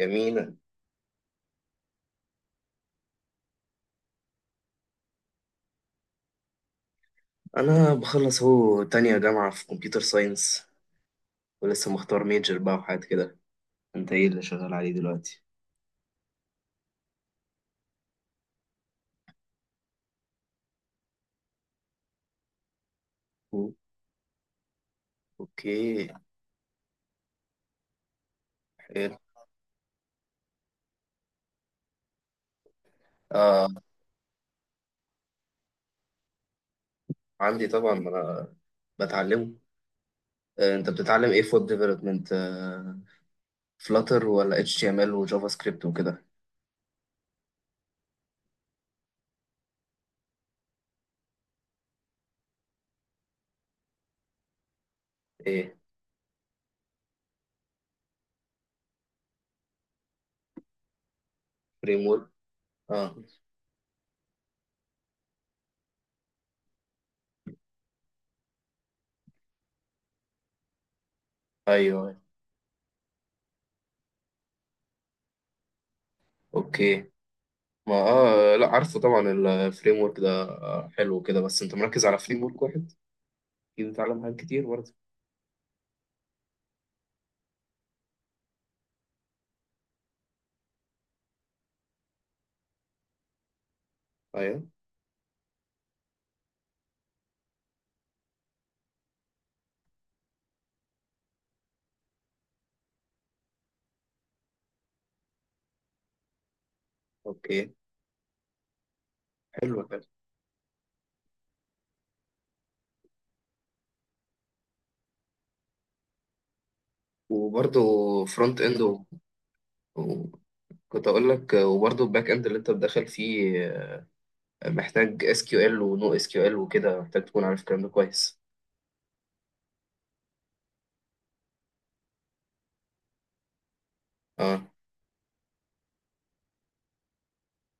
جميلة. أنا بخلص أهو تانية جامعة في كمبيوتر ساينس، ولسه مختار ميجر بقى وحاجات كده. أنت إيه اللي شغال عليه دلوقتي؟ أو- أوكي. حلو. آه. عندي طبعا، ما أنا بتعلمه. أنت بتتعلم إيه؟ فود ديفلوبمنت؟ فلاتر ولا اتش تي ام ال وجافا سكريبت وكده؟ إيه. فريم ورك. آه. أيوه أيوه. أوكي. ما لا، عارفه طبعا. الفريم ورك ده حلو كده، بس أنت مركز على فريم ورك واحد، أكيد بتتعلم حاجات كتير برضه. أيوه. أوكي. حلو. وبرضه فرونت اند و- كنت اقول لك، وبرضه الباك اند اللي انت بتدخل فيه محتاج اس كيو ال ونو اس كيو ال وكده، محتاج تكون عارف الكلام ده كويس. اه.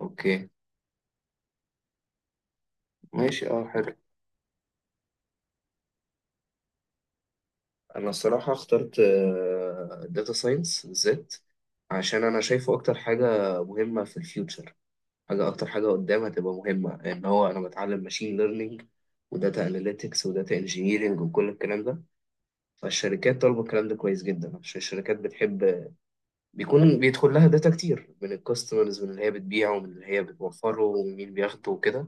اوكي ماشي، اه، حلو. انا الصراحه اخترت داتا ساينس بالذات، عشان انا شايفه اكتر حاجه مهمه في الفيوتشر، حاجه اكتر حاجه قدام هتبقى مهمه، ان هو انا بتعلم ماشين ليرنينج وداتا اناليتكس وداتا انجينيرنج وكل الكلام ده. فالشركات طالبه الكلام ده كويس جدا، عشان الشركات بتحب بيكون بيدخل لها داتا كتير من الكاستمرز، من اللي هي بتبيعه، ومن اللي هي بتوفره، ومين بياخده وكده.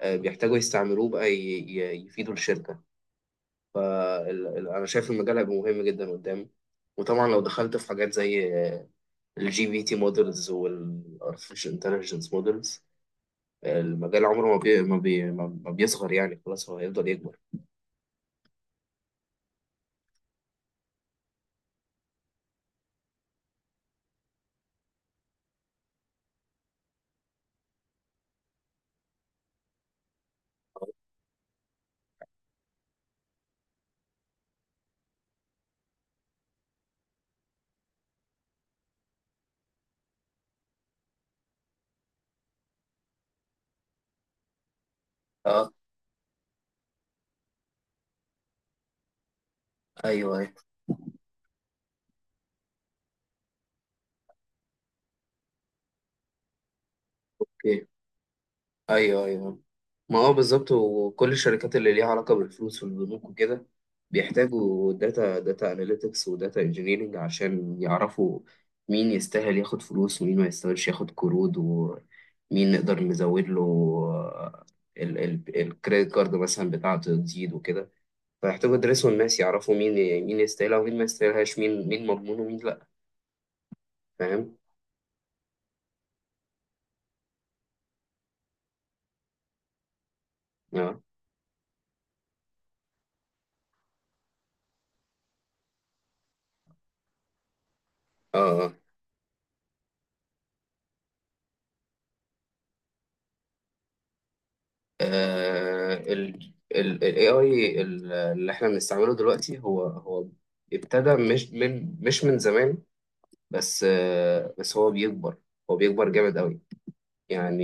بيحتاجوا يستعملوه بقى يفيدوا الشركة. فأنا شايف المجال هيبقى مهم جدا قدام، وطبعا لو دخلت في حاجات زي الجي بي تي مودلز والارتفيشال انتليجنس مودلز، المجال عمره ما بي ما, بي ما ما بيصغر، يعني خلاص هو هيفضل يكبر. اه ايوه ايوه. اوكي. ايوه ايوه. ما هو بالظبط، وكل الشركات اللي ليها علاقة بالفلوس والبنوك وكده بيحتاجوا داتا اناليتكس وداتا انجينيرنج، عشان يعرفوا مين يستاهل ياخد فلوس ومين ما يستاهلش ياخد قروض، ومين نقدر نزود له الكريدت كارد مثلا بتاعته تزيد وكده. فيحتاجوا يدرسوا الناس، يعرفوا مين، مين يستاهلها ومين ما يستاهلهاش، مين مين مضمون ومين لا، فاهم؟ اه اه، ال AI اللي احنا بنستعمله دلوقتي، هو ابتدى، مش من زمان، بس هو بيكبر جامد قوي يعني.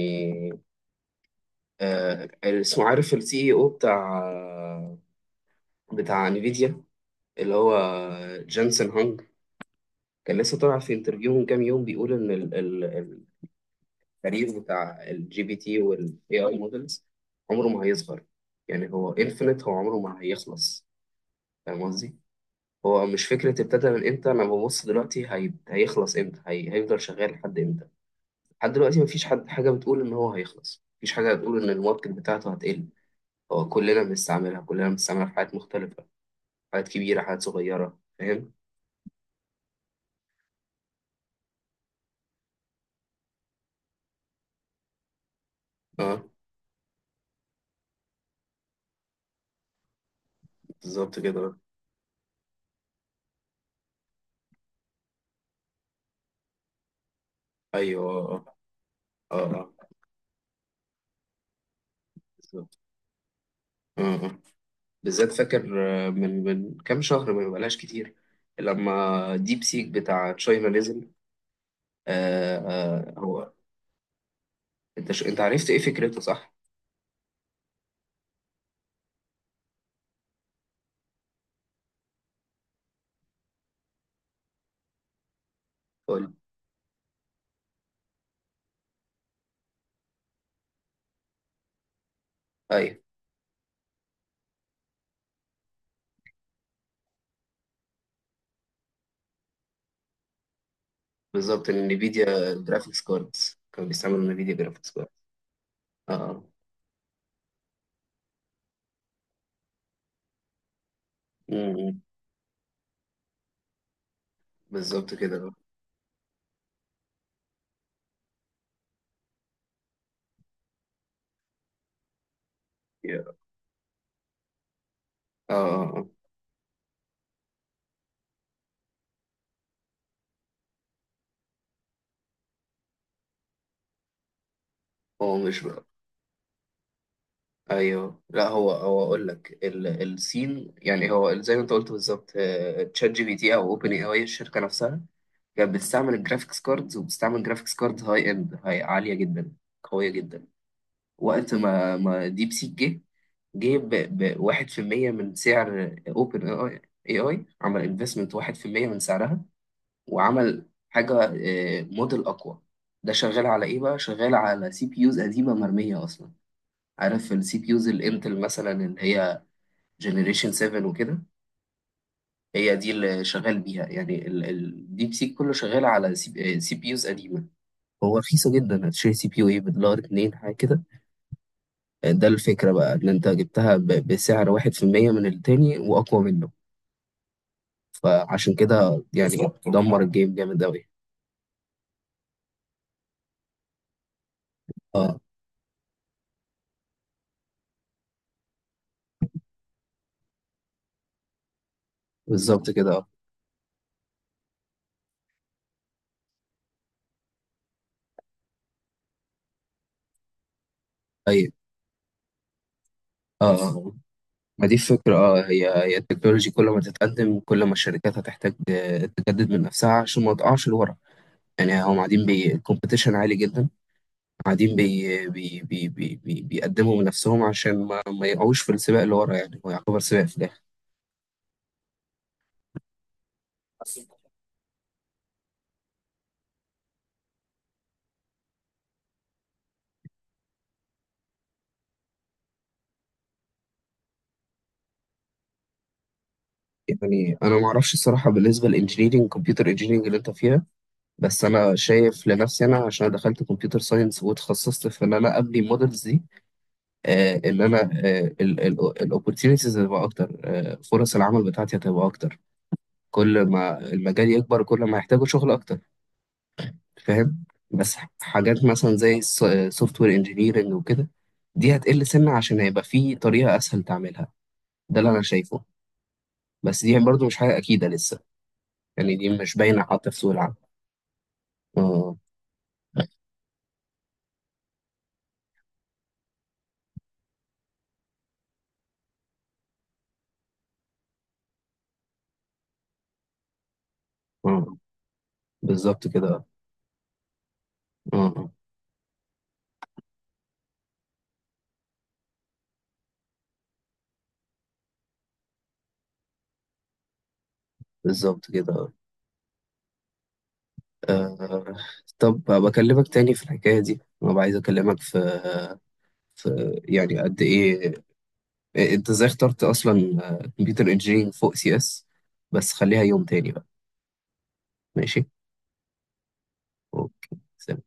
اسمه... عارف السي اي او بتاع انفيديا، اللي هو جانسون هانج. كان لسه طالع في انترفيو من كام يوم بيقول ان التاريخ بتاع الجي بي تي والاي اي مودلز عمره ما هيصغر، يعني هو انفينيت، هو عمره ما هيخلص، فاهم قصدي؟ هو مش فكرة ابتدى من امتى، انا ببص دلوقتي هيخلص امتى، هيفضل شغال لحد امتى. لحد دلوقتي مفيش حد، حاجة بتقول ان هو هيخلص، مفيش حاجة بتقول ان الماركت بتاعته هتقل. هو كلنا بنستعملها، كلنا بنستعملها في حاجات مختلفة، حاجات كبيرة حاجات صغيرة، فاهم. اه بالظبط كده، آه. ايوه اه اه اه آه. بالظبط اه آه. بالذات فاكر، من كام شهر، ما بقالهاش كتير، لما ديب سيك بتاع تشاينا نزل. آه آه، هو... انت عرفت ايه فكرته صح؟ قول. بالظبط، النفيديا جرافيكس كاردز، كانوا بيستعملوا نفيديا جرافيكس كاردز. اه. امم. بالظبط كده، اه اه آه. هو مش بقى. ايوه لا، هو اقول لك، السين يعني، هو زي ما انت قلت بالظبط، تشات جي بي تي او اوبن اي اي، الشركه نفسها كانت بتستعمل الجرافيكس كاردز، وبتستعمل جرافيكس كاردز هاي اند، هاي عاليه جدا، قويه جدا. وقت ما ما ديب سيك جه ب 1% من سعر اوبن اي اي، عمل انفستمنت 1% من سعرها، وعمل حاجة، موديل أقوى. ده شغال على إيه بقى؟ شغال على سي بي يوز قديمة مرمية أصلا. عارف السي بي يوز الإنتل مثلا، اللي هي جنريشن 7 وكده، هي دي اللي شغال بيها، يعني الديب سيك كله شغال على سي بي يوز قديمة. هو رخيصة جدا، هتشتري سي بي يو ايه؟ بدولار اتنين، حاجة كده. ده الفكرة بقى، إن أنت جبتها بسعر واحد في المية من التاني وأقوى منه. فعشان كده يعني بالظبط دمر الجيم جامد أوي. اه بالظبط كده اه. أيوه اه آه. ما دي الفكرة، اه، هي التكنولوجي، كل ما تتقدم كل ما الشركات هتحتاج تجدد من نفسها عشان ما تقعش لورا. يعني هم قاعدين بي الكومبيتيشن عالي جدا، قاعدين بي بي بي بي بي بيقدموا من نفسهم عشان ما يقعوش في السباق اللي ورا، يعني هو يعتبر سباق في الآخر. يعني انا ما اعرفش الصراحه، بالنسبه للانجينيرنج، كمبيوتر انجينيرنج اللي انت فيها، بس انا شايف لنفسي انا، عشان أنا دخلت كمبيوتر ساينس وتخصصت في ان انا ابني مودلز دي، ان انا الاوبورتيونيتيز هتبقى اكتر، فرص العمل بتاعتي هتبقى اكتر، كل ما المجال يكبر كل ما هيحتاجوا شغل اكتر، فاهم. بس حاجات مثلا زي سوفت وير انجينيرنج وكده، دي هتقل سنة، عشان هيبقى في طريقة اسهل تعملها، ده اللي انا شايفه، بس دي برضو مش حاجة اكيدة لسه، يعني دي مش باينة حتى في سوق العمل. اه. اه بالظبط كده اه آه. بالظبط كده اه آه. طب بكلمك تاني في الحكاية دي، انا عايز اكلمك في ف- يعني قد ايه انت ازاي اخترت اصلا، كمبيوتر انجينيرنج فوق سي اس، بس خليها يوم تاني بقى. ماشي. اوكي.